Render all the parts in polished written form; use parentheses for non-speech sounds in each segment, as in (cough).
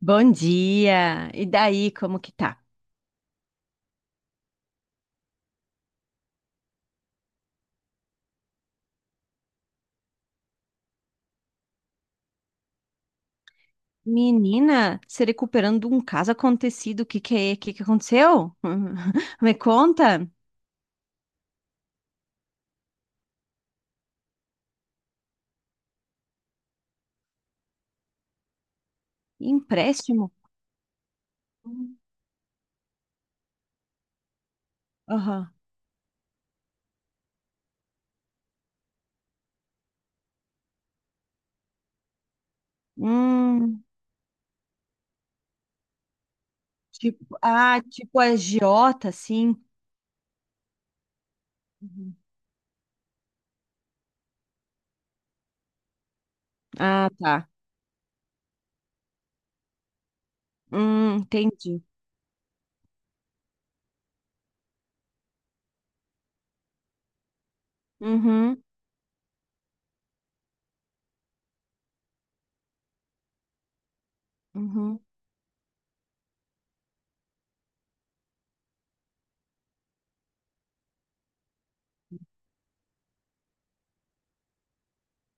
Bom dia! E daí, como que tá? Menina, se recuperando de um caso acontecido, o que que é? O que que aconteceu? (laughs) Me conta. Empréstimo? Aham. Hum, tipo, ah, tipo agiota, assim. Uhum. Ah, tá. Entendi. Uhum, uhum.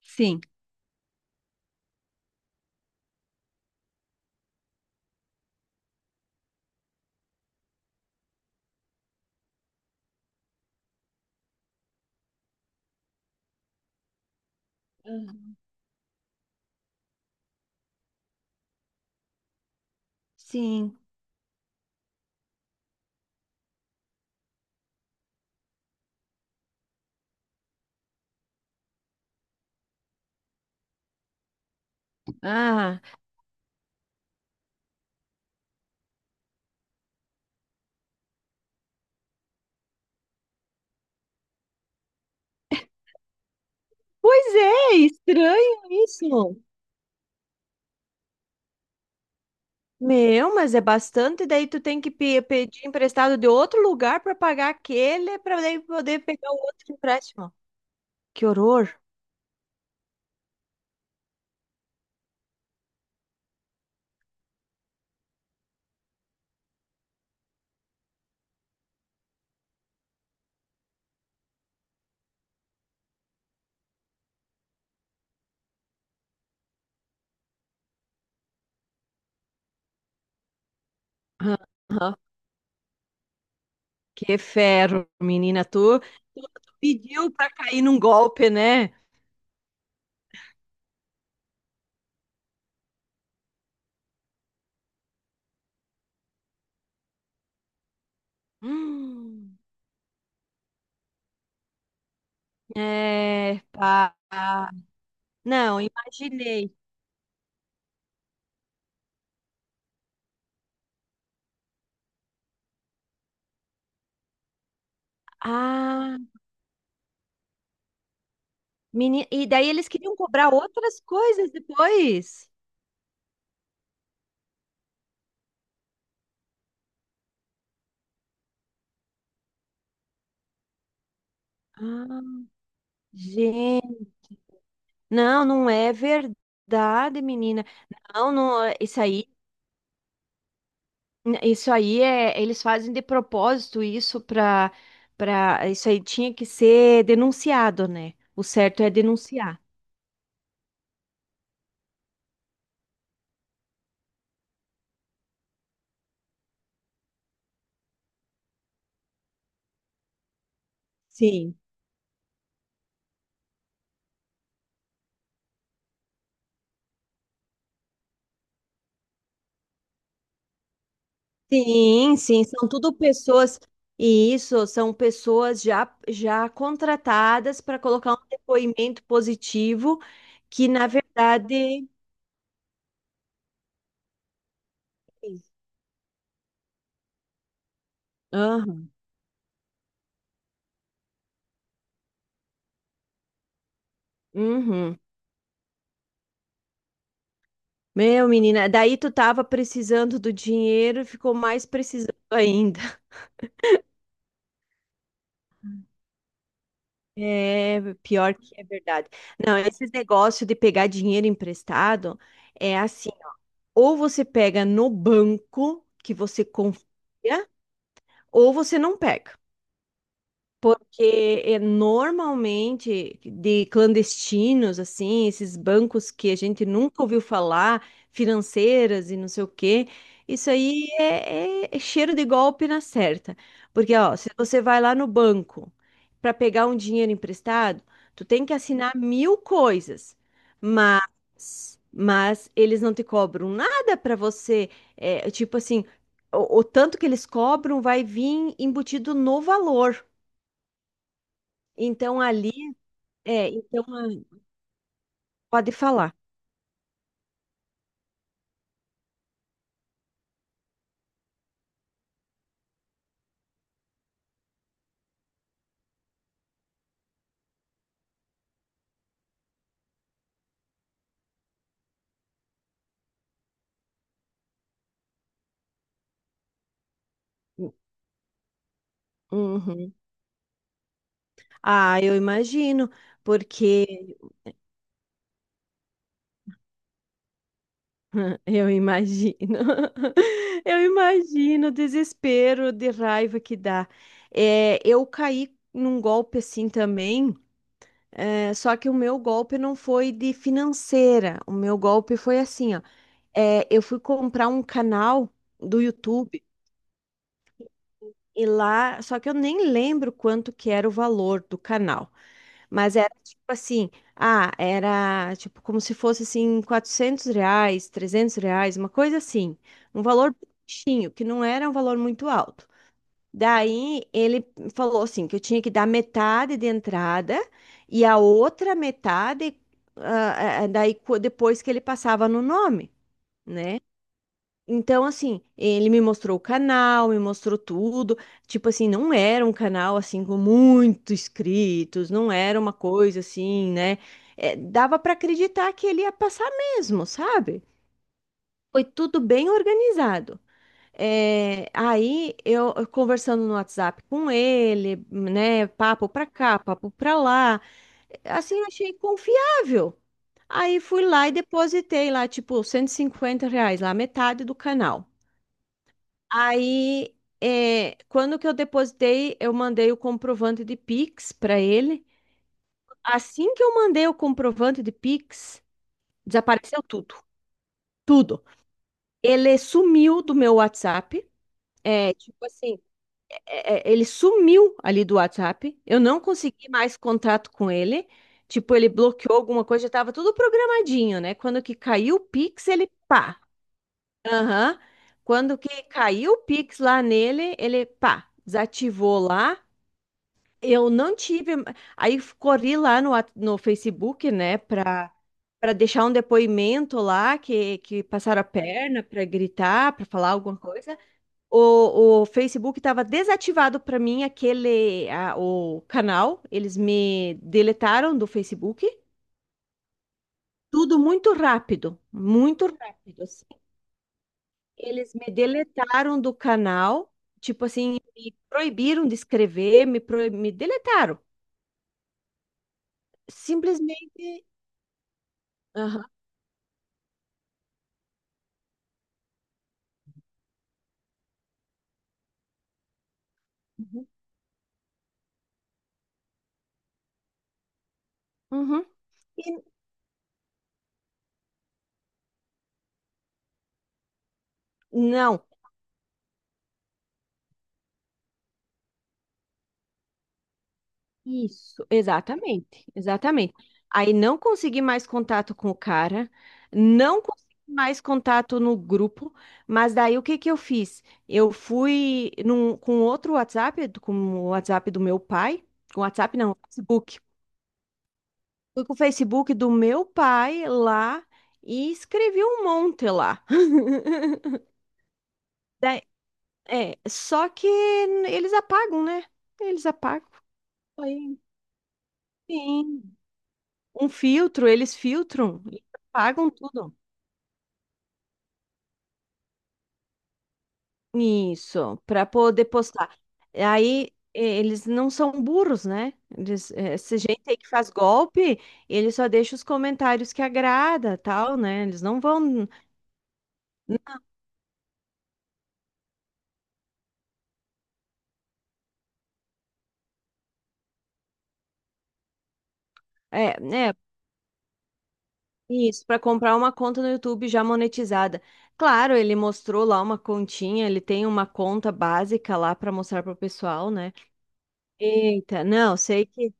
Sim. Uhum. Sim. Ah, pois é, estranho isso. Meu, mas é bastante, daí tu tem que pedir emprestado de outro lugar para pagar aquele, para daí poder pegar o outro empréstimo. Que horror. Aham, aham. Que ferro, menina, tu pediu para cair num golpe, né? (gasps) Hum, é, pá. Não, imaginei. Ah, menina, e daí eles queriam cobrar outras coisas depois. Ah, não, não é verdade, menina. Não, não, isso aí é, eles fazem de propósito isso para isso aí tinha que ser denunciado, né? O certo é denunciar. Sim. Sim, sim, são tudo pessoas e isso são pessoas já contratadas para colocar um depoimento positivo que na verdade. Aham. Uhum. Meu, menina, daí tu tava precisando do dinheiro e ficou mais precisando ainda. (laughs) É, pior que é verdade. Não, esses negócios de pegar dinheiro emprestado é assim, ou você pega no banco que você confia, ou você não pega. Porque é, normalmente de clandestinos, assim, esses bancos que a gente nunca ouviu falar, financeiras e não sei o quê, isso aí é, é cheiro de golpe na certa. Porque, ó, se você vai lá no banco para pegar um dinheiro emprestado, tu tem que assinar mil coisas, mas eles não te cobram nada para você, é, tipo assim, o tanto que eles cobram vai vir embutido no valor. Então ali, é, então pode falar. Uhum. Ah, eu imagino, porque (laughs) eu imagino, (laughs) eu imagino o desespero de raiva que dá. É, eu caí num golpe assim também, é, só que o meu golpe não foi de financeira, o meu golpe foi assim, ó. É, eu fui comprar um canal do YouTube e lá, só que eu nem lembro quanto que era o valor do canal, mas era tipo assim, ah, era tipo como se fosse assim R$ 400, R$ 300, uma coisa assim, um valor baixinho, que não era um valor muito alto. Daí ele falou assim que eu tinha que dar metade de entrada e a outra metade, ah, ah, daí depois que ele passava no nome, né? Então, assim, ele me mostrou o canal, me mostrou tudo. Tipo assim, não era um canal assim com muitos inscritos, não era uma coisa assim, né? É, dava para acreditar que ele ia passar mesmo, sabe? Foi tudo bem organizado. É, aí eu conversando no WhatsApp com ele, né? Papo pra cá, papo pra lá. Assim, eu achei confiável. Aí fui lá e depositei lá, tipo, R$ 150, lá, metade do canal. Aí, é, quando que eu depositei, eu mandei o comprovante de Pix para ele. Assim que eu mandei o comprovante de Pix, desapareceu tudo, tudo. Ele sumiu do meu WhatsApp. É, tipo assim, ele sumiu ali do WhatsApp. Eu não consegui mais contato com ele. Tipo, ele bloqueou alguma coisa, já tava tudo programadinho, né? Quando que caiu o Pix, ele pá. Aham. Quando que caiu o Pix lá nele, ele pá, desativou lá. Eu não tive. Aí corri lá no, no Facebook, né, para deixar um depoimento lá que passaram a perna, para gritar, para falar alguma coisa. O Facebook estava desativado para mim, aquele o canal. Eles me deletaram do Facebook. Tudo muito rápido, muito rápido, assim. Eles me deletaram do canal, tipo assim, me proibiram de escrever, me, me deletaram. Simplesmente. Uhum. Uhum. E não, isso, exatamente, exatamente. Aí não consegui mais contato com o cara, não consegui mais contato no grupo, mas daí o que que eu fiz? Eu fui num, com outro WhatsApp, com o WhatsApp do meu pai, com o WhatsApp não, Facebook. Fui com o Facebook do meu pai lá e escrevi um monte lá. (laughs) Daí- é, só que eles apagam, né? Eles apagam. Aí, sim. Um filtro, eles filtram e apagam tudo. Isso, para poder postar. Aí eles não são burros, né? Essa gente aí que faz golpe, ele só deixa os comentários que agrada, tal, né? Eles não vão, é, né? Isso, para comprar uma conta no YouTube já monetizada. Claro, ele mostrou lá uma continha, ele tem uma conta básica lá para mostrar pro pessoal, né? Eita, não, sei que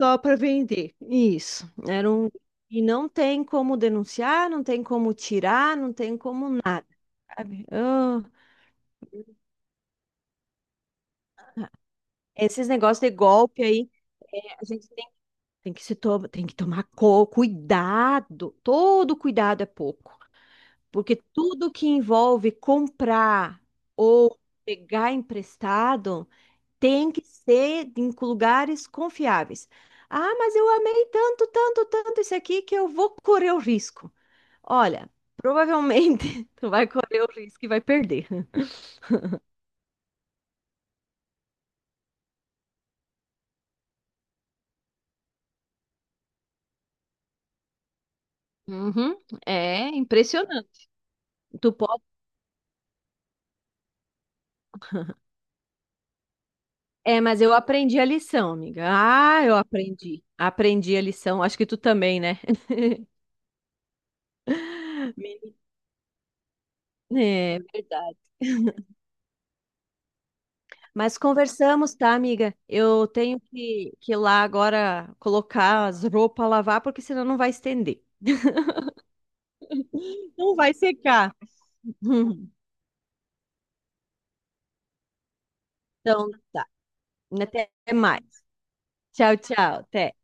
só para vender. Isso. Era um... E não tem como denunciar, não tem como tirar, não tem como nada, sabe? Ah, esses negócios de golpe aí, é, a gente tem, tem que se tem que tomar cuidado. Todo cuidado é pouco. Porque tudo que envolve comprar ou pegar emprestado tem que ser em lugares confiáveis. Ah, mas eu amei tanto, tanto, tanto isso aqui que eu vou correr o risco. Olha, provavelmente (laughs) tu vai correr o risco e vai perder. Uhum, é impressionante. Tu pode... É, mas eu aprendi a lição, amiga. Ah, eu aprendi. Aprendi a lição. Acho que tu também, né? (laughs) Menina, é verdade. Mas conversamos, tá, amiga? Eu tenho que ir lá agora colocar as roupas a lavar, porque senão não vai estender. Não vai secar. (laughs) Então tá. Até mais. Tchau, tchau. Até.